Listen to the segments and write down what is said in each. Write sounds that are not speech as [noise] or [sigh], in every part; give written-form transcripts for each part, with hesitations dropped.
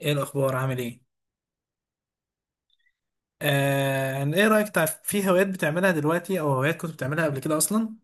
ايه الاخبار؟ عامل ايه؟ ايه رايك في هوايات بتعملها دلوقتي او هوايات كنت بتعملها قبل كده اصلا؟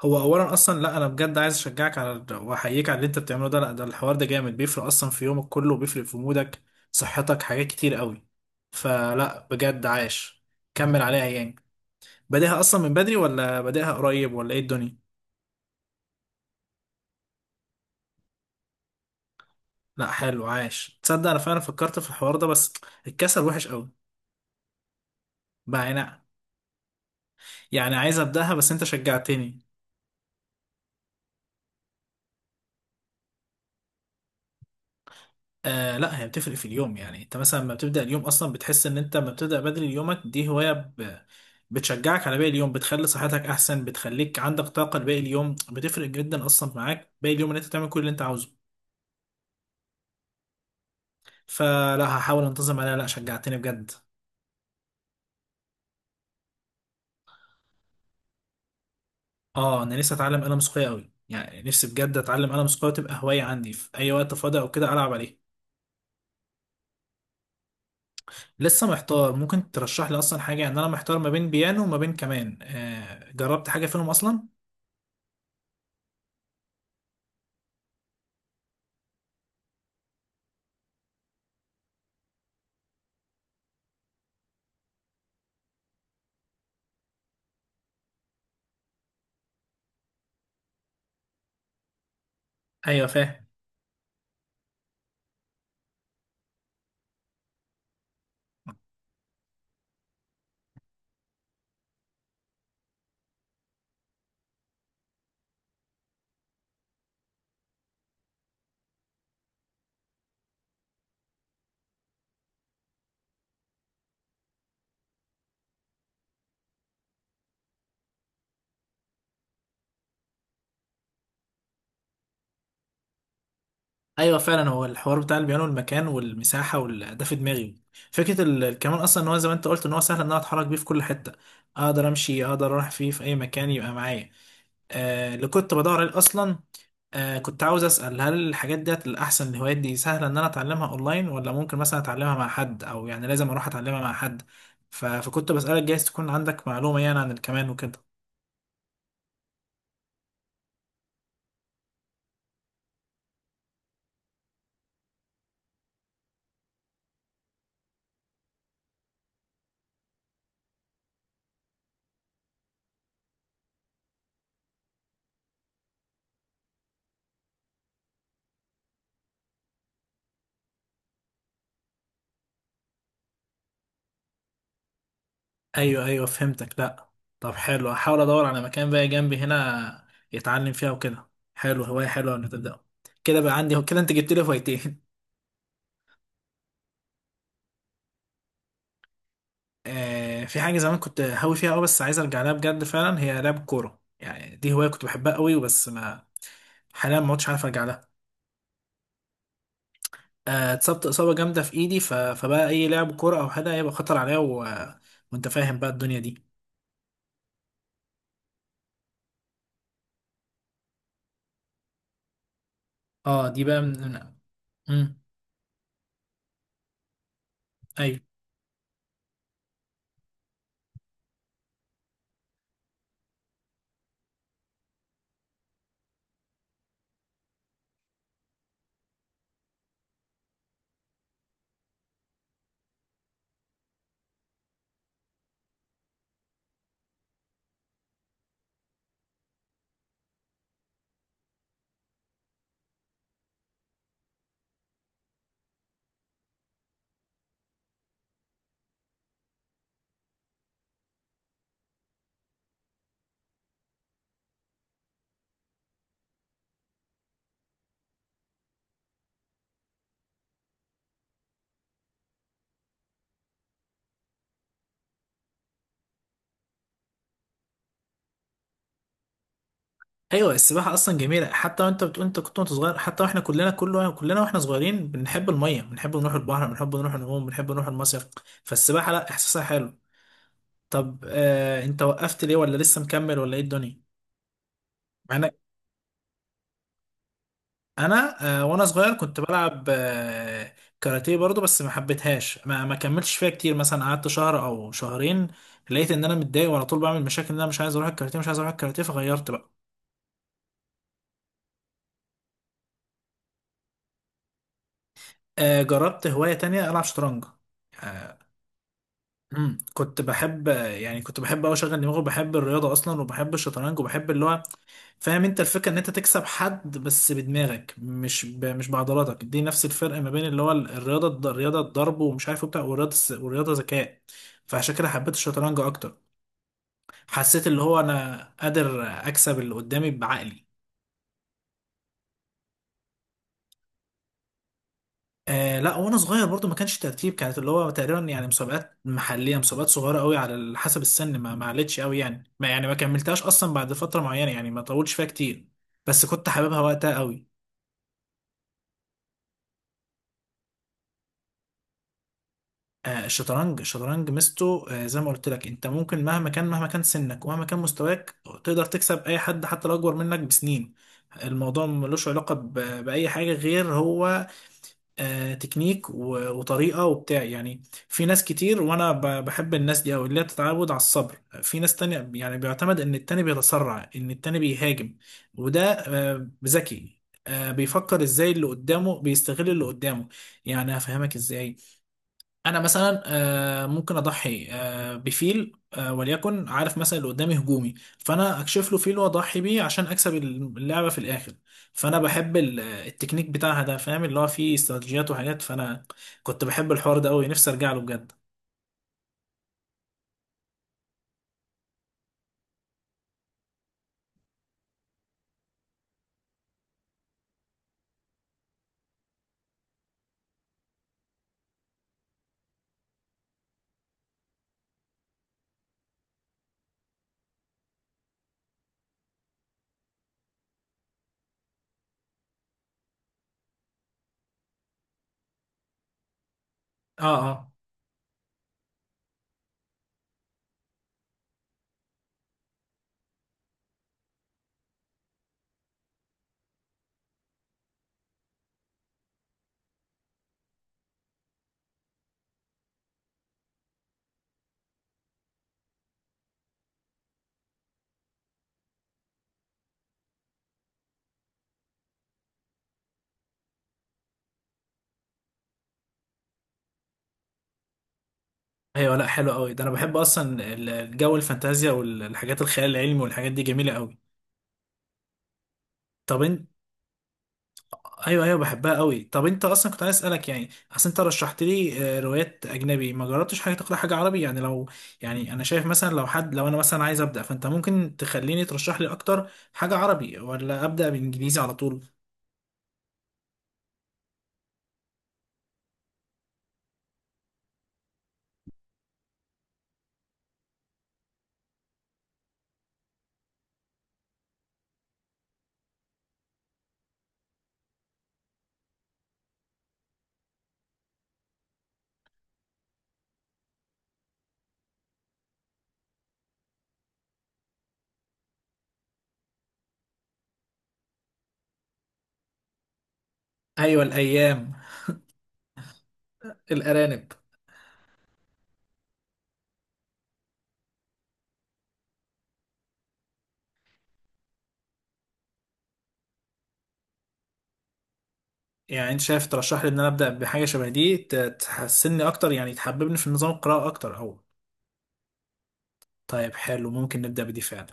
هو اولا اصلا، لا انا بجد عايز اشجعك على واحييك على اللي انت بتعمله ده. لا، ده الحوار ده جامد، بيفرق اصلا في يومك كله وبيفرق في مودك، صحتك، حاجات كتير قوي. فلا بجد، عاش، كمل عليها يعني. بادئها اصلا من بدري، ولا بادئها قريب، ولا ايه الدنيا؟ لا حلو، عاش. تصدق انا فعلا فكرت في الحوار ده، بس الكسل وحش قوي بقى يعني عايز ابداها، بس انت شجعتني. لا، هي بتفرق في اليوم، يعني انت مثلا لما بتبدأ اليوم اصلا بتحس ان انت لما بتبدأ بدري يومك دي هواية بتشجعك على باقي اليوم، بتخلي صحتك احسن، بتخليك عندك طاقة لباقي اليوم، بتفرق جدا اصلا معاك باقي اليوم ان انت تعمل كل اللي انت عاوزه. فلا، هحاول انتظم عليها. لا، شجعتني بجد. اه، انا نفسي اتعلم آلة موسيقية قوي، يعني نفسي بجد اتعلم آلة موسيقية وتبقى هواية عندي في اي وقت فاضي، او كده العب عليه. لسه محتار، ممكن ترشح لي اصلا حاجة يعني؟ انا محتار ما بين بيانو وما بين كمان، جربت حاجة فيهم اصلا؟ ايوه فاهم. ايوه فعلا، هو الحوار بتاع البيانو، المكان والمساحه ده في دماغي. فكره الكمان اصلا ان هو زي ما انت قلت ان هو سهل ان انا اتحرك بيه في كل حته، اقدر امشي، اقدر اروح فيه في اي مكان يبقى معايا. اللي كنت بدور عليه اصلا. كنت عاوز اسال، هل الحاجات ديت الاحسن، الهوايات دي سهله ان انا اتعلمها اونلاين، ولا ممكن مثلا اتعلمها مع حد، او يعني لازم اروح اتعلمها مع حد؟ فكنت بسالك جايز تكون عندك معلومه يعني عن الكمان وكده. ايوه، ايوه، فهمتك. لا، طب حلو، هحاول ادور على مكان بقى جنبي هنا يتعلم فيها وكده. حلو، هوايه حلوه ان تبدا. كده بقى عندي، كده انت جبت لي هوايتين [laughs] في حاجه زمان كنت هاوي فيها قوي، بس عايز ارجع لها بجد. فعلا هي لعب كوره، يعني دي هوايه كنت بحبها قوي، وبس ما حاليا ما عدتش عارف ارجع لها. اتصبت اصابه جامده في ايدي، فبقى اي لعب كوره او حاجه هيبقى خطر عليا، وانت فاهم بقى الدنيا دي. اه، دي بقى مم. ايوه، ايوه، السباحه اصلا جميله، حتى وانت بتقول انت كنت وانت صغير، حتى واحنا كلنا واحنا صغيرين بنحب الميه، بنحب نروح البحر، بنحب نروح نعوم، بنحب نروح المصيف، فالسباحه لا، احساسها حلو. طب انت وقفت ليه، ولا لسه مكمل، ولا ايه الدنيا؟ انا انا وانا صغير كنت بلعب كاراتيه برضو، بس ما حبيتهاش، ما كملتش فيها كتير، مثلا قعدت شهر او شهرين. لقيت ان انا متضايق، وعلى طول بعمل مشاكل ان انا مش عايز اروح الكاراتيه، مش عايز اروح الكاراتيه، فغيرت بقى. جربت هوايه تانية، العب شطرنج. آه، مم. كنت بحب، يعني كنت بحب أوي أشغل دماغي، وبحب الرياضة أصلا، وبحب الشطرنج، وبحب اللي هو فاهم أنت الفكرة، إن أنت تكسب حد بس بدماغك، مش بعضلاتك. دي نفس الفرق ما بين اللي هو الرياضة الرياضة الضرب ومش عارف وبتاع، والرياضة والرياضة ذكاء، فعشان كده حبيت الشطرنج أكتر. حسيت اللي هو أنا قادر أكسب اللي قدامي بعقلي. لا، وانا صغير برضو ما كانش ترتيب، كانت اللي هو تقريبا يعني مسابقات محليه، مسابقات صغيره قوي على حسب السن، ما علتش قوي يعني، ما يعني ما كملتهاش اصلا بعد فتره معينه يعني، ما طولتش فيها كتير، بس كنت حاببها وقتها قوي. الشطرنج ميزته، زي ما قلت لك، انت ممكن مهما كان، مهما كان سنك، ومهما كان مستواك، تقدر تكسب اي حد حتى لو اكبر منك بسنين. الموضوع ملوش علاقه باي حاجه غير هو تكنيك وطريقة وبتاع يعني. في ناس كتير، وانا بحب الناس دي، او اللي هي بتتعود على الصبر. في ناس تانية يعني بيعتمد ان التاني بيتسرع، ان التاني بيهاجم، وده ذكي، بيفكر ازاي اللي قدامه، بيستغل اللي قدامه، يعني هفهمك ازاي. انا مثلا ممكن اضحي بفيل، وليكن عارف مثلا اللي قدامي هجومي، فانا اكشف له فيل واضحي بيه عشان اكسب اللعبه في الاخر. فانا بحب التكنيك بتاعها ده، فاهم، اللي هو فيه استراتيجيات وحاجات، فانا كنت بحب الحوار ده قوي، نفسي ارجع له بجد. اه، اه، ايوه، لا حلو قوي ده، انا بحب اصلا الجو الفانتازيا والحاجات الخيال العلمي، والحاجات دي جميله قوي. طب، ايوه، ايوه، بحبها قوي. طب انت اصلا كنت عايز اسالك يعني، اصل انت رشحت لي روايات اجنبي، ما جربتش حاجه تقرا حاجه عربي يعني؟ لو يعني انا شايف مثلا لو حد، لو انا مثلا عايز ابدا، فانت ممكن تخليني ترشح لي اكتر حاجه عربي، ولا ابدا بانجليزي على طول؟ ايوه الايام، الارانب. يعني انت شايف ترشح لي ان انا ابدا بحاجه شبه دي تحسني اكتر، يعني تحببني في نظام القراءه اكتر او؟ طيب حلو، ممكن نبدا بدي فعلا.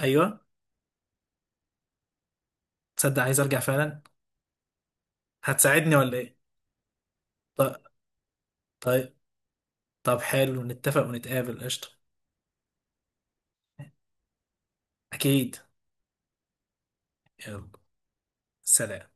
ايوه، تصدق عايز ارجع فعلا. هتساعدني ولا ايه؟ طيب، طب حلو، نتفق ونتقابل قشطة. أكيد. يلا سلام.